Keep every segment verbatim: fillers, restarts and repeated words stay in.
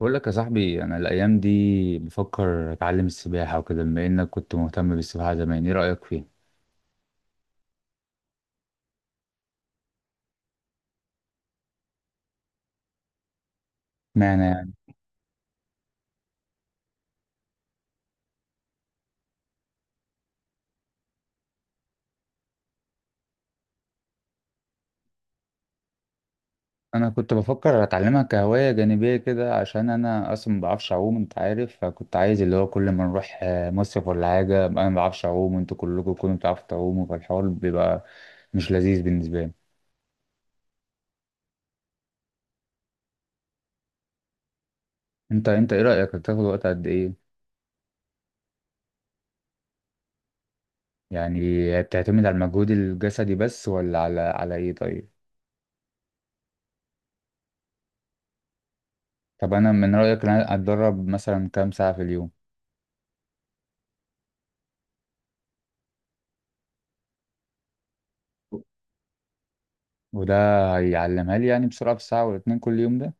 بقول لك يا صاحبي، انا الايام دي بفكر اتعلم السباحه وكده. بما انك كنت مهتم بالسباحه زمان، ايه رايك فيها؟ معنى يعني. انا كنت بفكر اتعلمها كهوايه جانبيه كده، عشان انا اصلا ما بعرفش اعوم، انت عارف. فكنت عايز اللي هو كل ما نروح آه، مصيف ولا حاجه أبقى انا ما بعرفش اعوم، وانتوا كلكم تكونوا بتعرفوا تعوموا، فالحوار بيبقى مش لذيذ بالنسبه لي. انت انت، ايه رايك، هتاخد وقت قد ايه؟ يعني. بتعتمد على المجهود الجسدي بس، ولا على على ايه؟ طيب. طب انا من رايك ان انا اتدرب مثلا كام ساعه في اليوم؟ وده هيعلمها لي يعني بسرعة في ساعة ولا اتنين كل يوم ده؟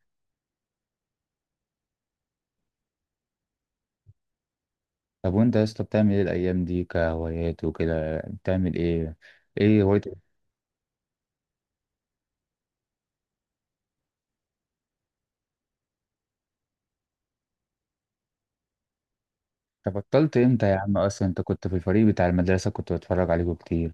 طب وانت يا اسطى بتعمل ايه الأيام دي كهوايات وكده؟ بتعمل ايه؟ ايه هوايتك؟ انت بطلت امتى يا عم؟ أصلا انت كنت في الفريق بتاع المدرسة، كنت بتفرج عليكم كتير.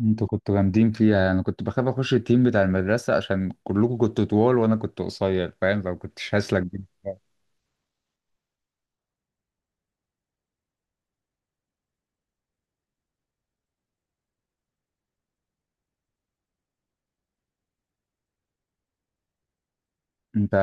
انتوا كنتوا جامدين فيها. انا كنت بخاف اخش التيم بتاع المدرسة عشان كلكم كنتوا طوال وانا كنت قصير، فاهم؟ فما كنتش هسلك بيه. انت،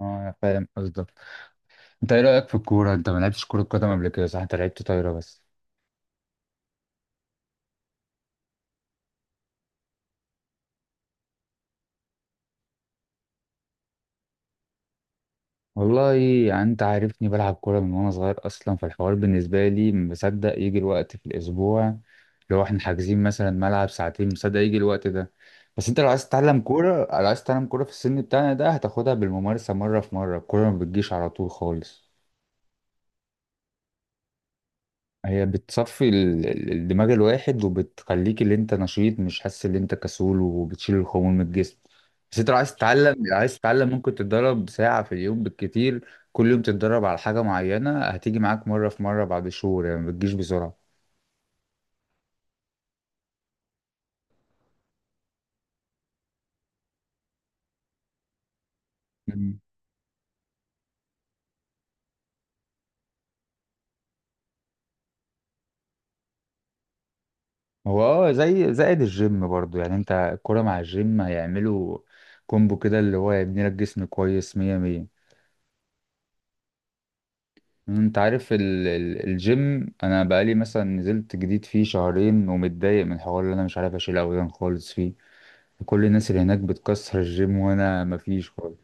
اه، فاهم قصدك. انت، ايه رأيك في الكورة؟ انت ما لعبتش كرة قدم قبل كده، صح؟ انت لعبت طايرة بس. والله. يعني انت عارفني بلعب كورة من وانا صغير اصلا، فالحوار بالنسبة لي مصدق يجي الوقت في الاسبوع. لو احنا حاجزين مثلا ملعب ساعتين، مصدق يجي الوقت ده. بس انت لو عايز تتعلم كورة، لو عايز تتعلم كورة في السن بتاعنا ده، هتاخدها بالممارسة مرة في مرة. الكورة ما بتجيش على طول خالص. هي بتصفي ال- ال- الدماغ الواحد، وبتخليك اللي انت نشيط، مش حاسس ان انت كسول، وبتشيل الخمول من الجسم. بس انت لو عايز تتعلم لو عايز تتعلم ممكن تتدرب ساعة في اليوم بالكتير. كل يوم تتدرب على حاجة معينة، هتيجي معاك مرة في مرة بعد شهور، يعني ما بتجيش بسرعة. مم. هو اه، زي زائد الجيم برضو. يعني انت الكرة مع الجيم هيعملوا كومبو كده، اللي هو يبني لك جسم كويس مية مية. انت عارف ال... ال- الجيم، انا بقالي مثلا نزلت جديد فيه شهرين، ومتضايق من الحوار اللي انا مش عارف اشيل اوزان خالص فيه. كل الناس اللي هناك بتكسر الجيم وانا مفيش خالص.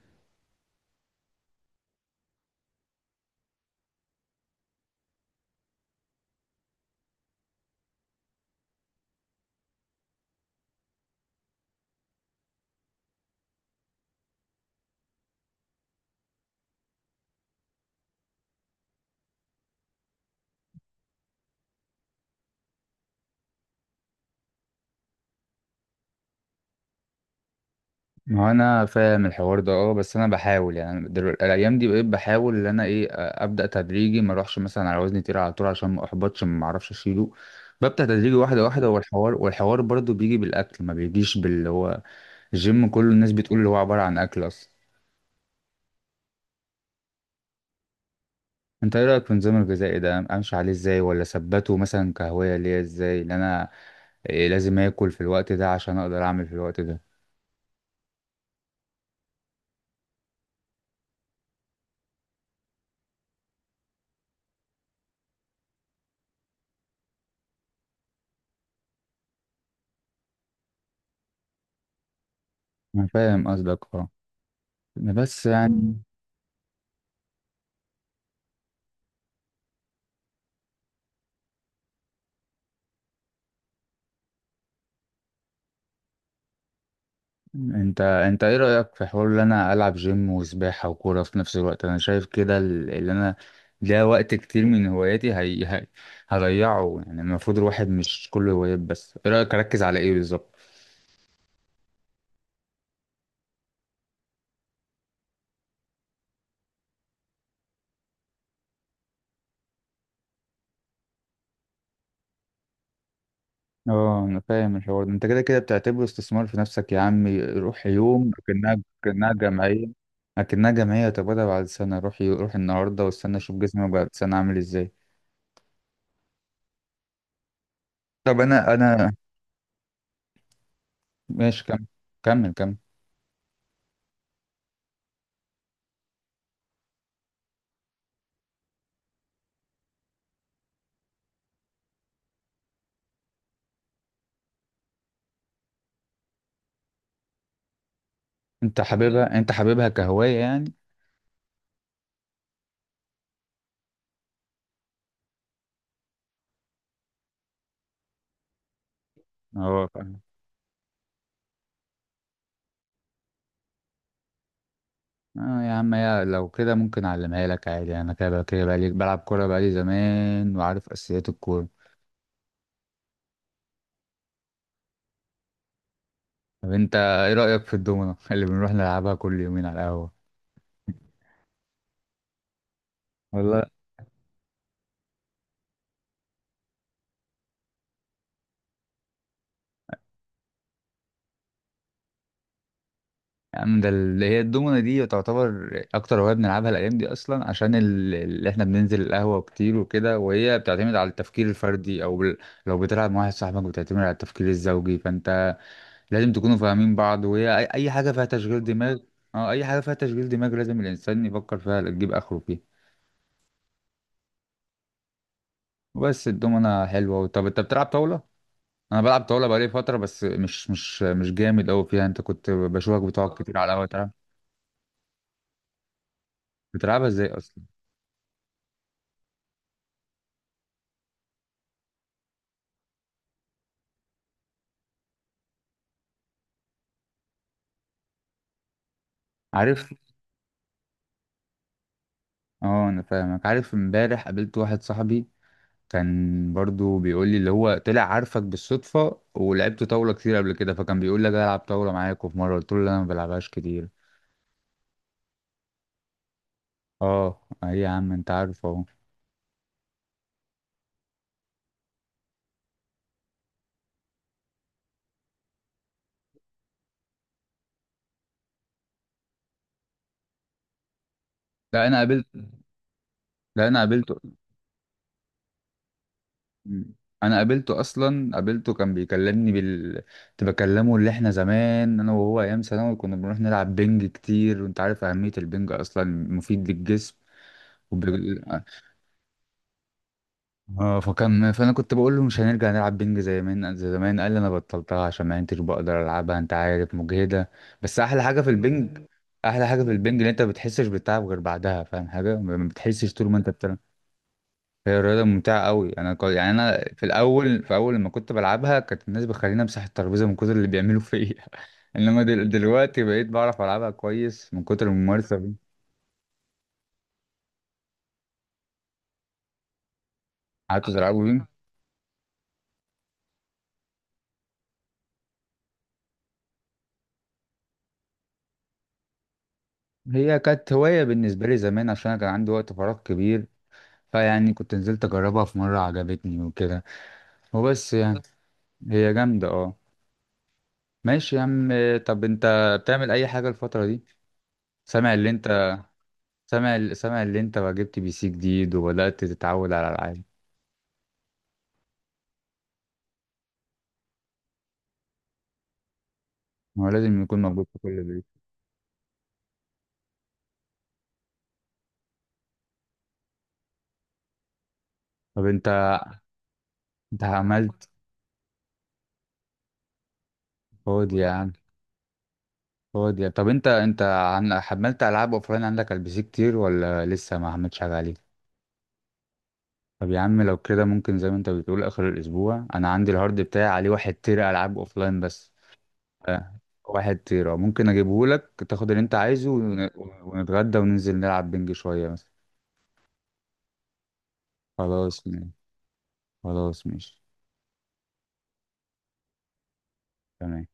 ما انا فاهم الحوار ده اه. بس انا بحاول، يعني أنا دل... الايام دي بقيت بحاول ان انا ايه، آه، ابدا تدريجي، ما اروحش مثلا على وزن تقيل على طول عشان ما احبطش، ما اعرفش اشيله. ببدأ تدريجي واحدة واحدة، والحوار والحوار برضو بيجي بالأكل، ما بيجيش باللي هو. الجيم كله الناس بتقول اللي هو عبارة عن أكل أصلا. انت ايه رايك في النظام الغذائي ده؟ امشي عليه ازاي؟ ولا اثبته مثلا كهوايه ليا ازاي، ان انا إيه لازم اكل في الوقت ده عشان اقدر اعمل في الوقت ده؟ انا فاهم قصدك اه. بس يعني. مم. انت انت ايه رايك في حوار ان انا العب جيم وسباحه وكوره في نفس الوقت؟ انا شايف كده ال- اللي انا ده وقت كتير من هواياتي هي... هي... هضيعه. يعني المفروض الواحد مش كله هوايات بس. ايه رايك اركز على ايه بالظبط؟ اه انا فاهم الحوار ده. انت كده كده بتعتبره استثمار في نفسك يا عمي، روح يوم اكنها اكنها جمعيه. اكنها جمعيه طب انا بعد سنه، روح يو- روح النهارده واستنى اشوف جسمي بعد سنه عامل ازاي. طب انا انا ماشي، كمل كمل كمل. انت حاببها انت حاببها كهوايه يعني؟ اه فاهم. اه يا عم، يا لو كده ممكن اعلمها لك عادي. انا كده كده بقالي بلعب كوره بقالي زمان، وعارف اساسيات الكوره. طب انت ايه رايك في الدومنه اللي بنروح نلعبها كل يومين على القهوه؟ والله يا عم، ده اللي هي الدومنة دي تعتبر أكتر هواية بنلعبها الأيام دي أصلا، عشان ال- اللي إحنا بننزل القهوة كتير وكده. وهي بتعتمد على التفكير الفردي أو ال- لو بتلعب مع واحد صاحبك بتعتمد على التفكير الزوجي، فأنت لازم تكونوا فاهمين بعض. وهي أي أي حاجة فيها تشغيل دماغ. أه، أي حاجة فيها تشغيل دماغ لازم الإنسان يفكر فيها، تجيب آخره فيها. وبس. الدومنة حلوة. طب أنت بتلعب طاولة؟ أنا بلعب طاولة بقالي فترة، بس مش مش مش جامد أوي فيها. أنت كنت بشوفك بتقعد كتير على القهوة تلعب. بتلعبها إزاي أصلا؟ عارف. اه انا فاهمك. عارف، امبارح قابلت واحد صاحبي كان برضو بيقول لي اللي هو طلع عارفك بالصدفة، ولعبت طاولة كتير قبل كده، فكان بيقول لك العب طاولة معاك. وفي مرة قلت له لا، انا ما بلعبهاش كتير. اه، اي يا عم، انت عارف اهو. لا انا قابلت لا انا قابلته انا قابلته اصلا، قابلته كان بيكلمني بال كنت بكلمه اللي احنا زمان انا وهو ايام ثانوي كنا بنروح نلعب بنج كتير. وانت عارف اهمية البنج اصلا مفيد للجسم وب... اه. فكان، فانا كنت بقول له مش هنرجع نلعب بينج زي زمان زي زمان؟ قال لي انا بطلتها عشان ما كنتش بقدر العبها، انت عارف مجهده. بس احلى حاجه في البنج احلى حاجه في البنج ان انت ما بتحسش بالتعب غير بعدها، فاهم حاجه؟ ما ما بتحسش طول ما انت بتلعب. هي رياضه ممتعه قوي. انا كو- يعني انا في الاول في اول لما كنت بلعبها كانت الناس بتخليني امسح الترابيزه من كتر اللي بيعملوا فيا. انما دل- دلوقتي بقيت بعرف العبها كويس من كتر الممارسه دي. قعدت العبها بينج. هي كانت هوايه بالنسبه لي زمان عشان انا كان عندي وقت فراغ كبير. فيعني كنت نزلت اجربها في مرة، عجبتني وكده. وبس يعني. هي جامدة اه. ماشي يا عم. طب انت، بتعمل اي حاجة الفترة دي؟ سامع اللي انت سامع سامع اللي انت جبت بي سي جديد وبدأت تتعود على العاب. هو لازم يكون موجود في كل بيت. طب انت انت عملت فاضي يا عم؟ فاضي يا- طب انت انت عن... حملت العاب اوفلاين عندك على البي سي كتير، ولا لسه ما عملتش حاجة عليه؟ طب يا عم لو كده ممكن زي ما انت بتقول اخر الاسبوع. انا عندي الهارد بتاعي عليه واحد تيرا العاب اوفلاين بس. آه، واحد تيرة ممكن اجيبه لك تاخد اللي انت عايزه ون- ونتغدى وننزل نلعب بنج شوية مثلا. خلاص ماشي. خلاص ماشي. تمام.